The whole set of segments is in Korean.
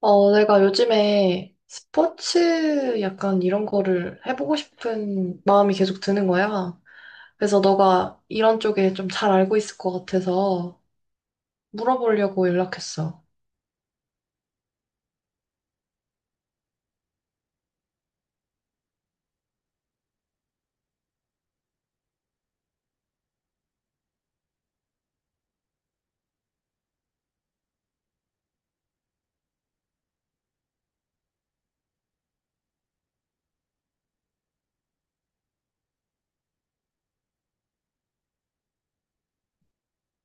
내가 요즘에 스포츠 약간 이런 거를 해보고 싶은 마음이 계속 드는 거야. 그래서 너가 이런 쪽에 좀 잘 알고 있을 것 같아서 물어보려고 연락했어.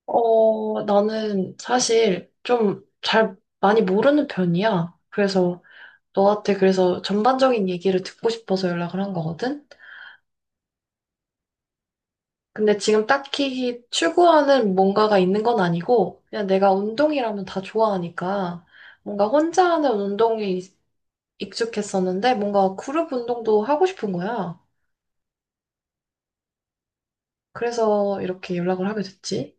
나는 사실 좀 잘 많이 모르는 편이야. 그래서 너한테 그래서 전반적인 얘기를 듣고 싶어서 연락을 한 거거든. 근데 지금 딱히 추구하는 뭔가가 있는 건 아니고, 그냥 내가 운동이라면 다 좋아하니까, 뭔가 혼자 하는 운동에 익숙했었는데, 뭔가 그룹 운동도 하고 싶은 거야. 그래서 이렇게 연락을 하게 됐지.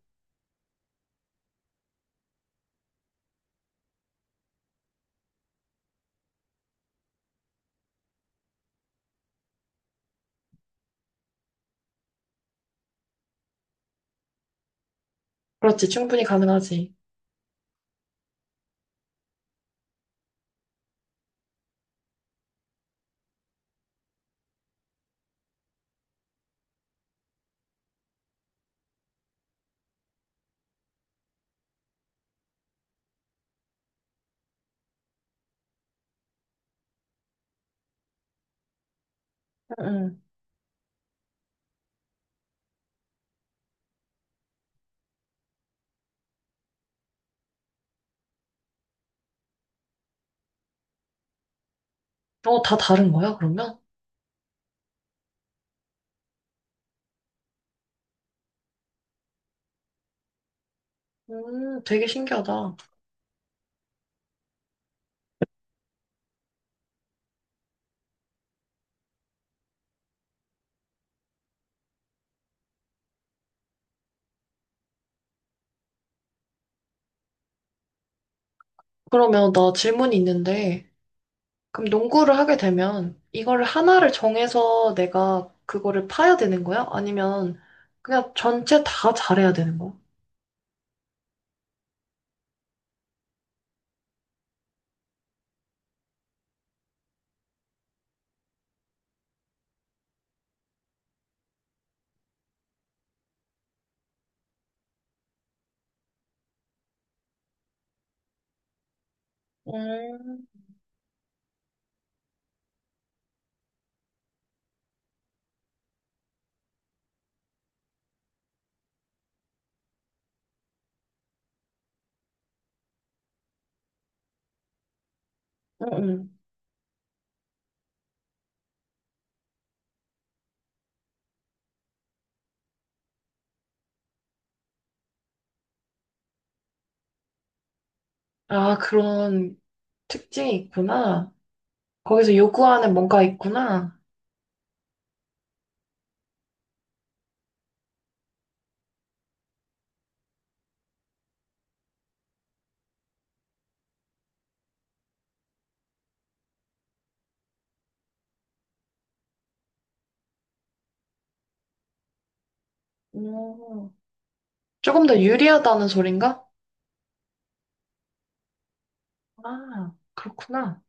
그렇지, 충분히 가능하지. 응, 응. 어, 다 다른 거야, 그러면? 되게 신기하다. 그러면 나 질문이 있는데, 그럼 농구를 하게 되면, 이거를 하나를 정해서 내가 그거를 파야 되는 거야? 아니면, 그냥 전체 다 잘해야 되는 거야? 음, 음, 음. 아, 그런 특징이 있구나. 거기서 요구하는 뭔가 있구나. 음, 조금 더 유리하다는 소린가? 아, 그렇구나.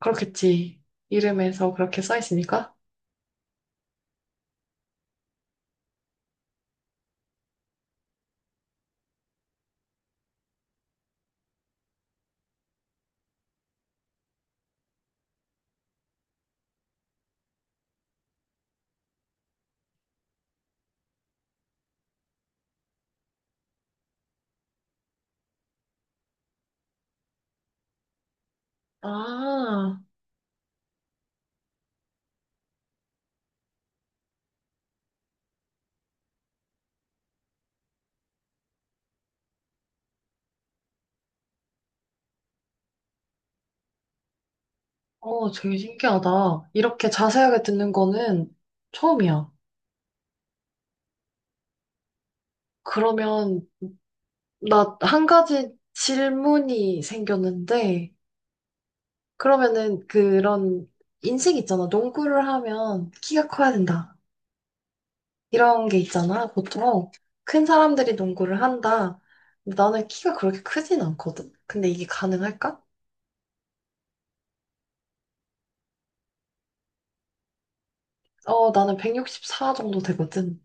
그렇겠지. 이름에서 그렇게 써 있으니까. 아, 어, 되게 신기하다. 이렇게 자세하게 듣는 거는 처음이야. 그러면 나 한 가지 질문이 생겼는데, 그러면은 그런 인식 있잖아. 농구를 하면 키가 커야 된다. 이런 게 있잖아. 보통 큰 사람들이 농구를 한다. 근데 나는 키가 그렇게 크진 않거든. 근데 이게 가능할까? 어, 나는 164cm 정도 되거든.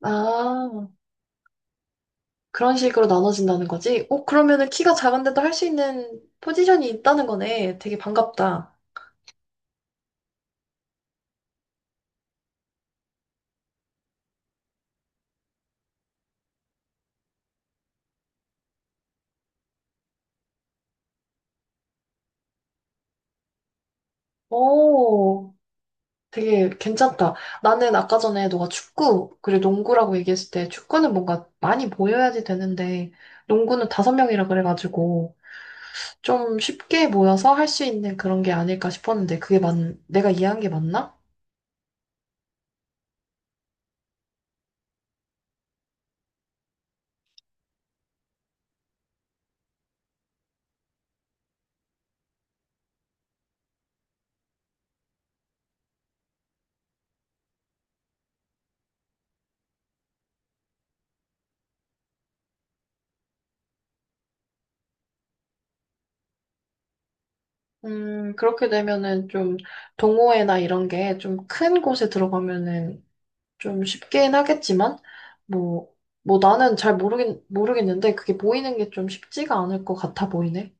아, 그런 식으로 나눠진다는 거지? 어, 그러면은 키가 작은데도 할 수 있는 포지션이 있다는 거네. 되게 반갑다. 오, 되게 괜찮다. 나는 아까 전에 너가 축구, 그리고 농구라고 얘기했을 때 축구는 뭔가 많이 모여야지 되는데, 농구는 다섯 명이라 그래가지고, 좀 쉽게 모여서 할 수 있는 그런 게 아닐까 싶었는데, 내가 이해한 게 맞나? 그렇게 되면은 좀 동호회나 이런 게 좀 큰 곳에 들어가면은 좀 쉽긴 하겠지만, 뭐, 뭐 나는 잘 모르겠는데, 그게 모이는 게 좀 쉽지가 않을 것 같아 보이네.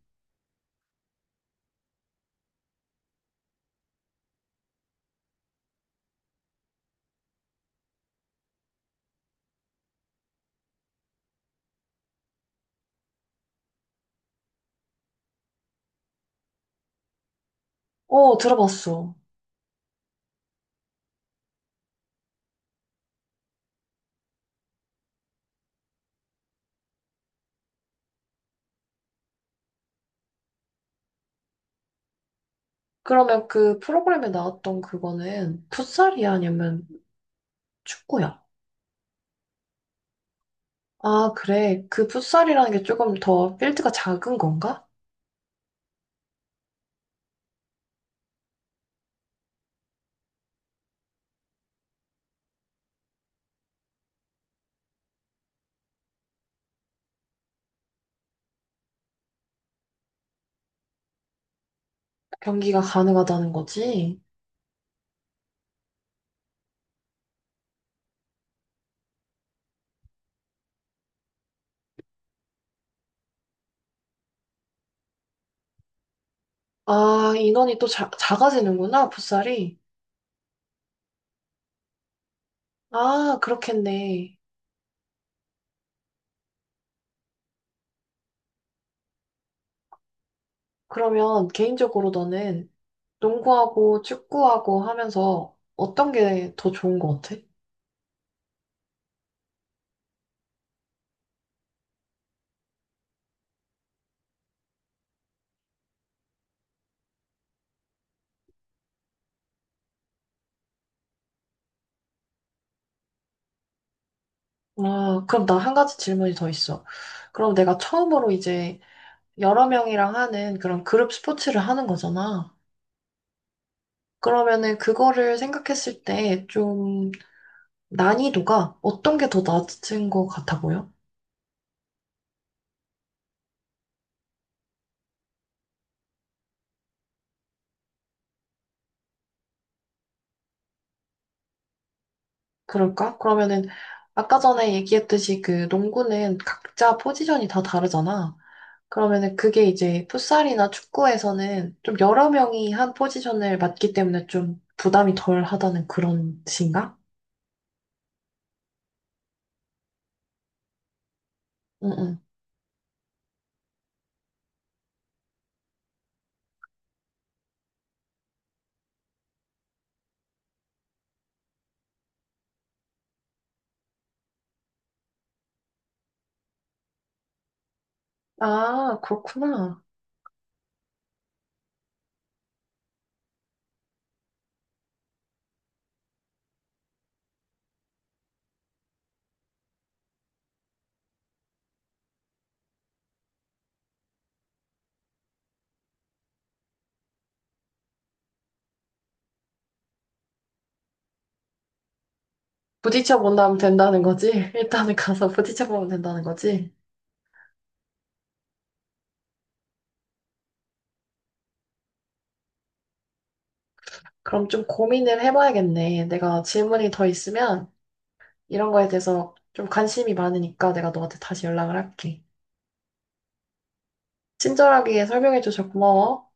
어, 들어봤어. 그러면 그 프로그램에 나왔던 그거는 풋살이야? 아니면 축구야? 아, 그래. 그 풋살이라는 게 조금 더 필드가 작은 건가? 경기가 가능하다는 거지? 아, 인원이 작아지는구나, 풋살이. 아, 그렇겠네. 그러면 개인적으로 너는 농구하고 축구하고 하면서 어떤 게 더 좋은 것 같아? 아, 그럼 나 한 가지 질문이 더 있어. 그럼 내가 처음으로 이제 여러 명이랑 하는 그런 그룹 스포츠를 하는 거잖아. 그러면은 그거를 생각했을 때 좀 난이도가 어떤 게 더 낮은 것 같아 보여? 그럴까? 그러면은 아까 전에 얘기했듯이 그 농구는 각자 포지션이 다 다르잖아. 그러면은 그게 이제 풋살이나 축구에서는 좀 여러 명이 한 포지션을 맡기 때문에 좀 부담이 덜 하다는 그런 뜻인가? 응, 응. 아, 그렇구나. 부딪혀 본다면 된다는 거지? 일단은 가서 부딪혀 보면 된다는 거지? 그럼 좀 고민을 해봐야겠네. 내가 질문이 더 있으면 이런 거에 대해서 좀 관심이 많으니까 내가 너한테 다시 연락을 할게. 친절하게 설명해줘서 고마워.